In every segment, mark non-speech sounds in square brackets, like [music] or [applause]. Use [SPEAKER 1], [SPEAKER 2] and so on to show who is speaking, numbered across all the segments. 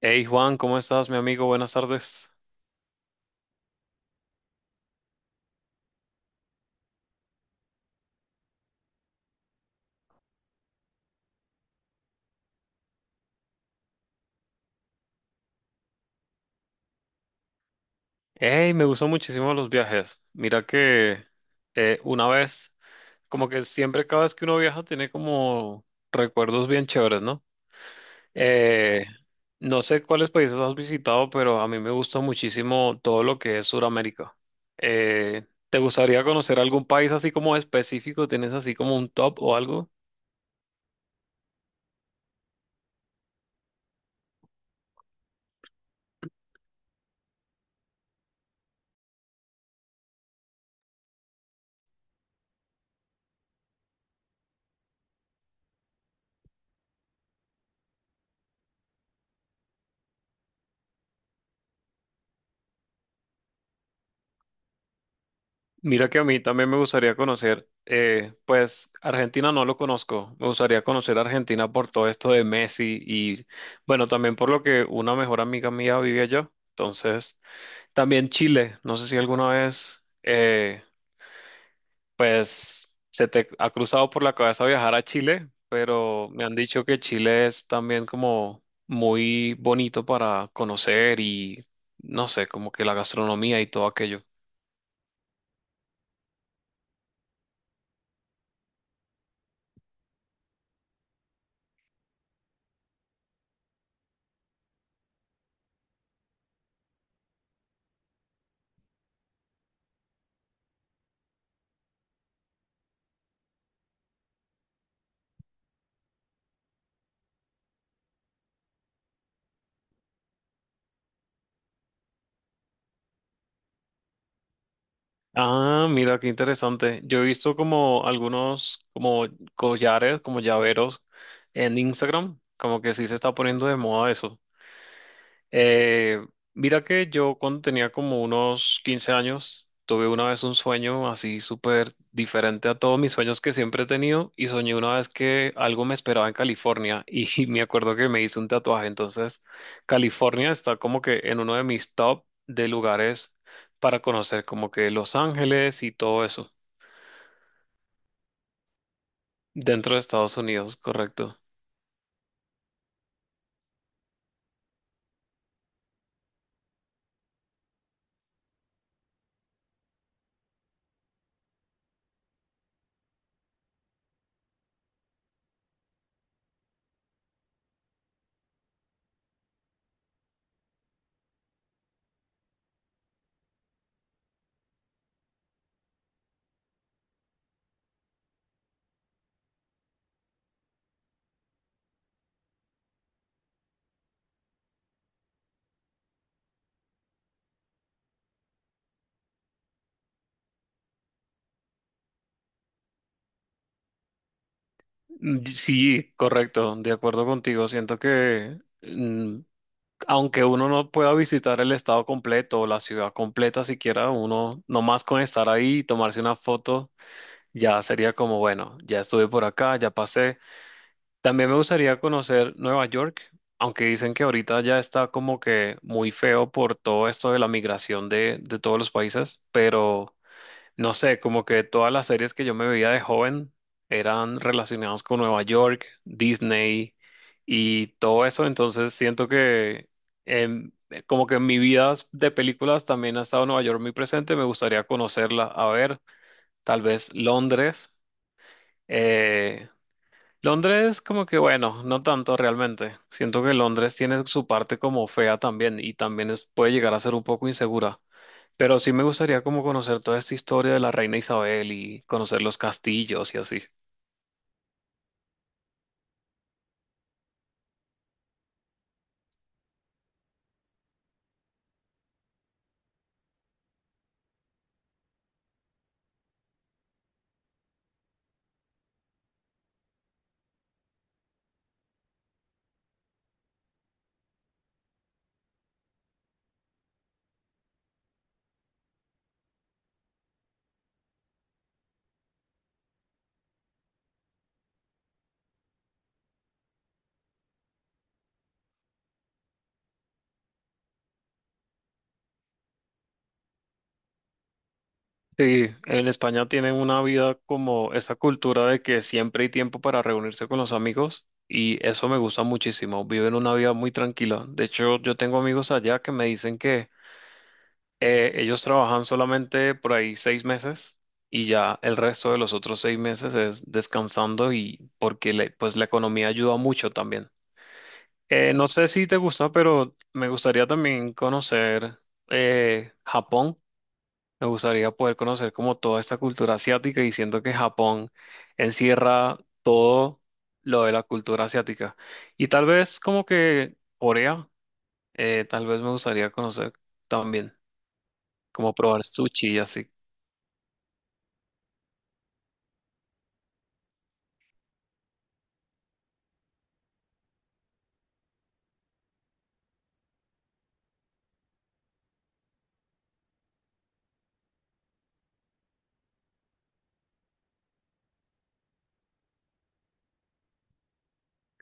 [SPEAKER 1] Hey Juan, ¿cómo estás, mi amigo? Buenas tardes. Hey, me gustó muchísimo los viajes. Mira que una vez, como que siempre cada vez que uno viaja tiene como recuerdos bien chéveres, ¿no? Eh, no sé cuáles países has visitado, pero a mí me gusta muchísimo todo lo que es Sudamérica. ¿Te gustaría conocer algún país así como específico? ¿Tienes así como un top o algo? Mira que a mí también me gustaría conocer, pues Argentina no lo conozco, me gustaría conocer Argentina por todo esto de Messi y bueno, también por lo que una mejor amiga mía vive allá, entonces también Chile, no sé si alguna vez, pues se te ha cruzado por la cabeza viajar a Chile, pero me han dicho que Chile es también como muy bonito para conocer y no sé, como que la gastronomía y todo aquello. Ah, mira, qué interesante. Yo he visto como algunos como collares, como llaveros en Instagram, como que sí se está poniendo de moda eso. Eh, mira que yo cuando tenía como unos 15 años, tuve una vez un sueño así súper diferente a todos mis sueños que siempre he tenido y soñé una vez que algo me esperaba en California y [laughs] me acuerdo que me hice un tatuaje. Entonces, California está como que en uno de mis top de lugares para conocer, como que Los Ángeles y todo eso, dentro de Estados Unidos, correcto. Sí, correcto, de acuerdo contigo. Siento que... mm, aunque uno no pueda visitar el estado completo o la ciudad completa siquiera, uno nomás con estar ahí y tomarse una foto ya sería como, bueno, ya estuve por acá, ya pasé. También me gustaría conocer Nueva York, aunque dicen que ahorita ya está como que muy feo por todo esto de la migración de todos los países, pero... No sé, como que todas las series que yo me veía de joven eran relacionadas con Nueva York, Disney y todo eso, entonces siento que em, como que en mi vida de películas también ha estado Nueva York muy presente, me gustaría conocerla, a ver, tal vez Londres. eh, Londres como que bueno, no tanto realmente, siento que Londres tiene su parte como fea también y también puede llegar a ser un poco insegura. Pero sí me gustaría como conocer toda esta historia de la reina Isabel y conocer los castillos y así. Sí, en España tienen una vida como esa cultura de que siempre hay tiempo para reunirse con los amigos y eso me gusta muchísimo. Viven una vida muy tranquila. De hecho, yo tengo amigos allá que me dicen que ellos trabajan solamente por ahí 6 meses y ya el resto de los otros 6 meses es descansando y porque pues la economía ayuda mucho también. No sé si te gusta, pero me gustaría también conocer Japón. Me gustaría poder conocer como toda esta cultura asiática y siento que Japón encierra todo lo de la cultura asiática. Y tal vez como que Corea, tal vez me gustaría conocer también, como probar sushi y así.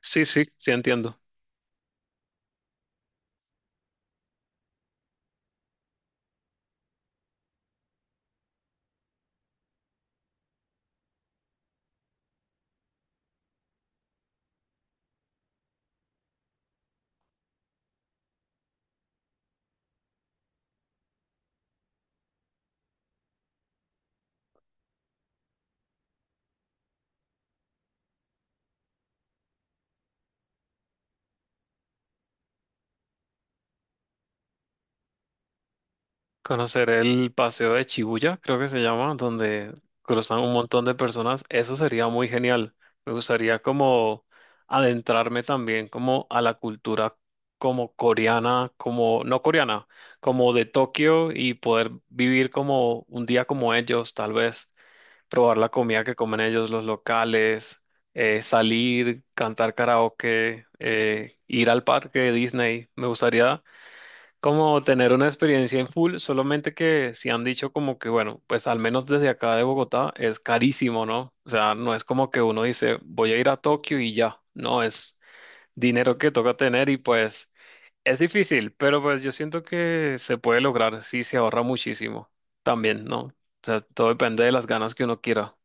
[SPEAKER 1] Sí, sí, sí entiendo. Conocer el paseo de Shibuya, creo que se llama, donde cruzan un montón de personas, eso sería muy genial. Me gustaría como adentrarme también como a la cultura como coreana, como no coreana, como de Tokio y poder vivir como un día como ellos, tal vez probar la comida que comen ellos, los locales, salir, cantar karaoke, ir al parque de Disney. Me gustaría como tener una experiencia en full, solamente que si han dicho como que, bueno, pues al menos desde acá de Bogotá es carísimo, ¿no? O sea, no es como que uno dice, voy a ir a Tokio y ya, no, es dinero que toca tener y pues es difícil, pero pues yo siento que se puede lograr si se ahorra muchísimo también, ¿no? O sea, todo depende de las ganas que uno quiera.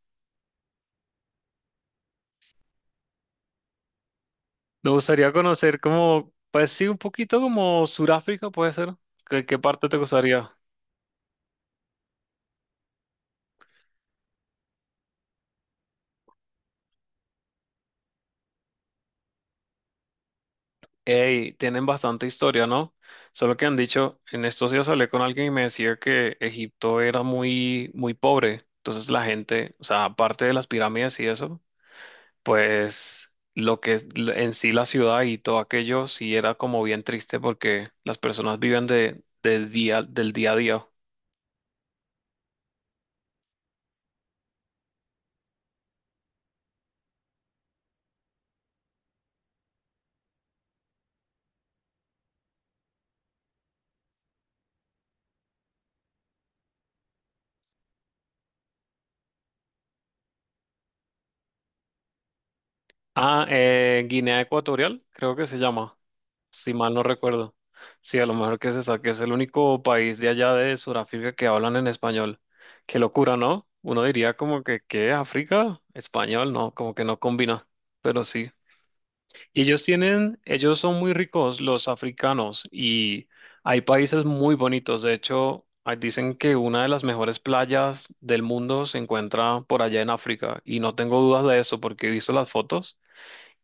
[SPEAKER 1] Me gustaría conocer como, pues sí, un poquito como Suráfrica puede ser. ¿Qué, qué parte te gustaría? Ey, tienen bastante historia, ¿no? Solo que han dicho, en estos días hablé con alguien y me decía que Egipto era muy, muy pobre. Entonces la gente, o sea, aparte de las pirámides y eso, pues lo que es en sí la ciudad y todo aquello sí era como bien triste porque las personas viven de, del día a día. Ah, Guinea Ecuatorial, creo que se llama. Si mal no recuerdo. Sí, a lo mejor que se saque es el único país de allá de Sudáfrica que hablan en español. Qué locura, ¿no? Uno diría como que, ¿qué? ¿África? Español, no, como que no combina, pero sí. Y ellos tienen, ellos son muy ricos, los africanos, y hay países muy bonitos. De hecho, ah, dicen que una de las mejores playas del mundo se encuentra por allá en África, y no tengo dudas de eso porque he visto las fotos,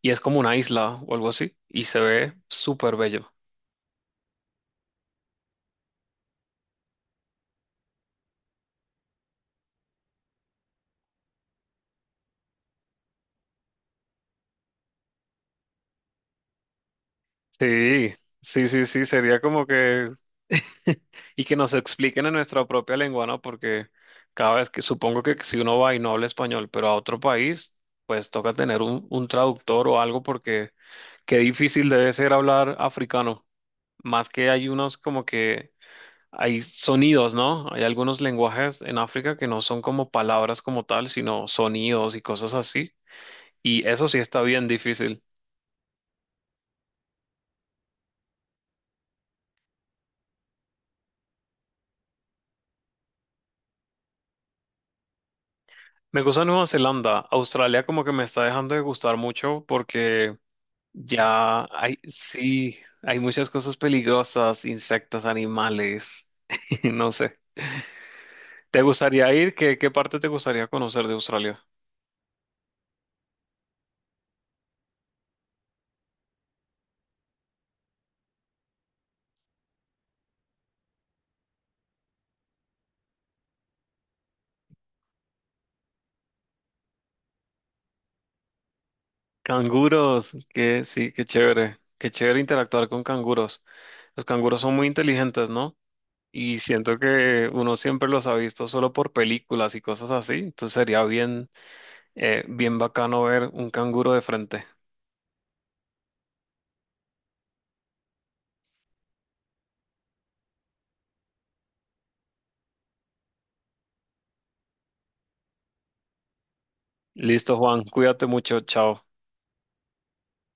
[SPEAKER 1] y es como una isla o algo así, y se ve súper bello. Sí, sí, sí, sí, sería como que... [laughs] Y que nos expliquen en nuestra propia lengua, ¿no? Porque cada vez que supongo que si uno va y no habla español, pero a otro país, pues toca tener un traductor o algo porque qué difícil debe ser hablar africano. Más que hay unos como que hay sonidos, ¿no? Hay algunos lenguajes en África que no son como palabras como tal, sino sonidos y cosas así. Y eso sí está bien difícil. Me gusta Nueva Zelanda. Australia como que me está dejando de gustar mucho porque ya hay, sí, hay muchas cosas peligrosas, insectos, animales, [laughs] no sé. ¿Te gustaría ir? ¿Qué, qué parte te gustaría conocer de Australia? Canguros, que sí, qué chévere. Qué chévere interactuar con canguros. Los canguros son muy inteligentes, ¿no? Y siento que uno siempre los ha visto solo por películas y cosas así. Entonces sería bien, bien bacano ver un canguro de frente. Listo, Juan. Cuídate mucho. Chao.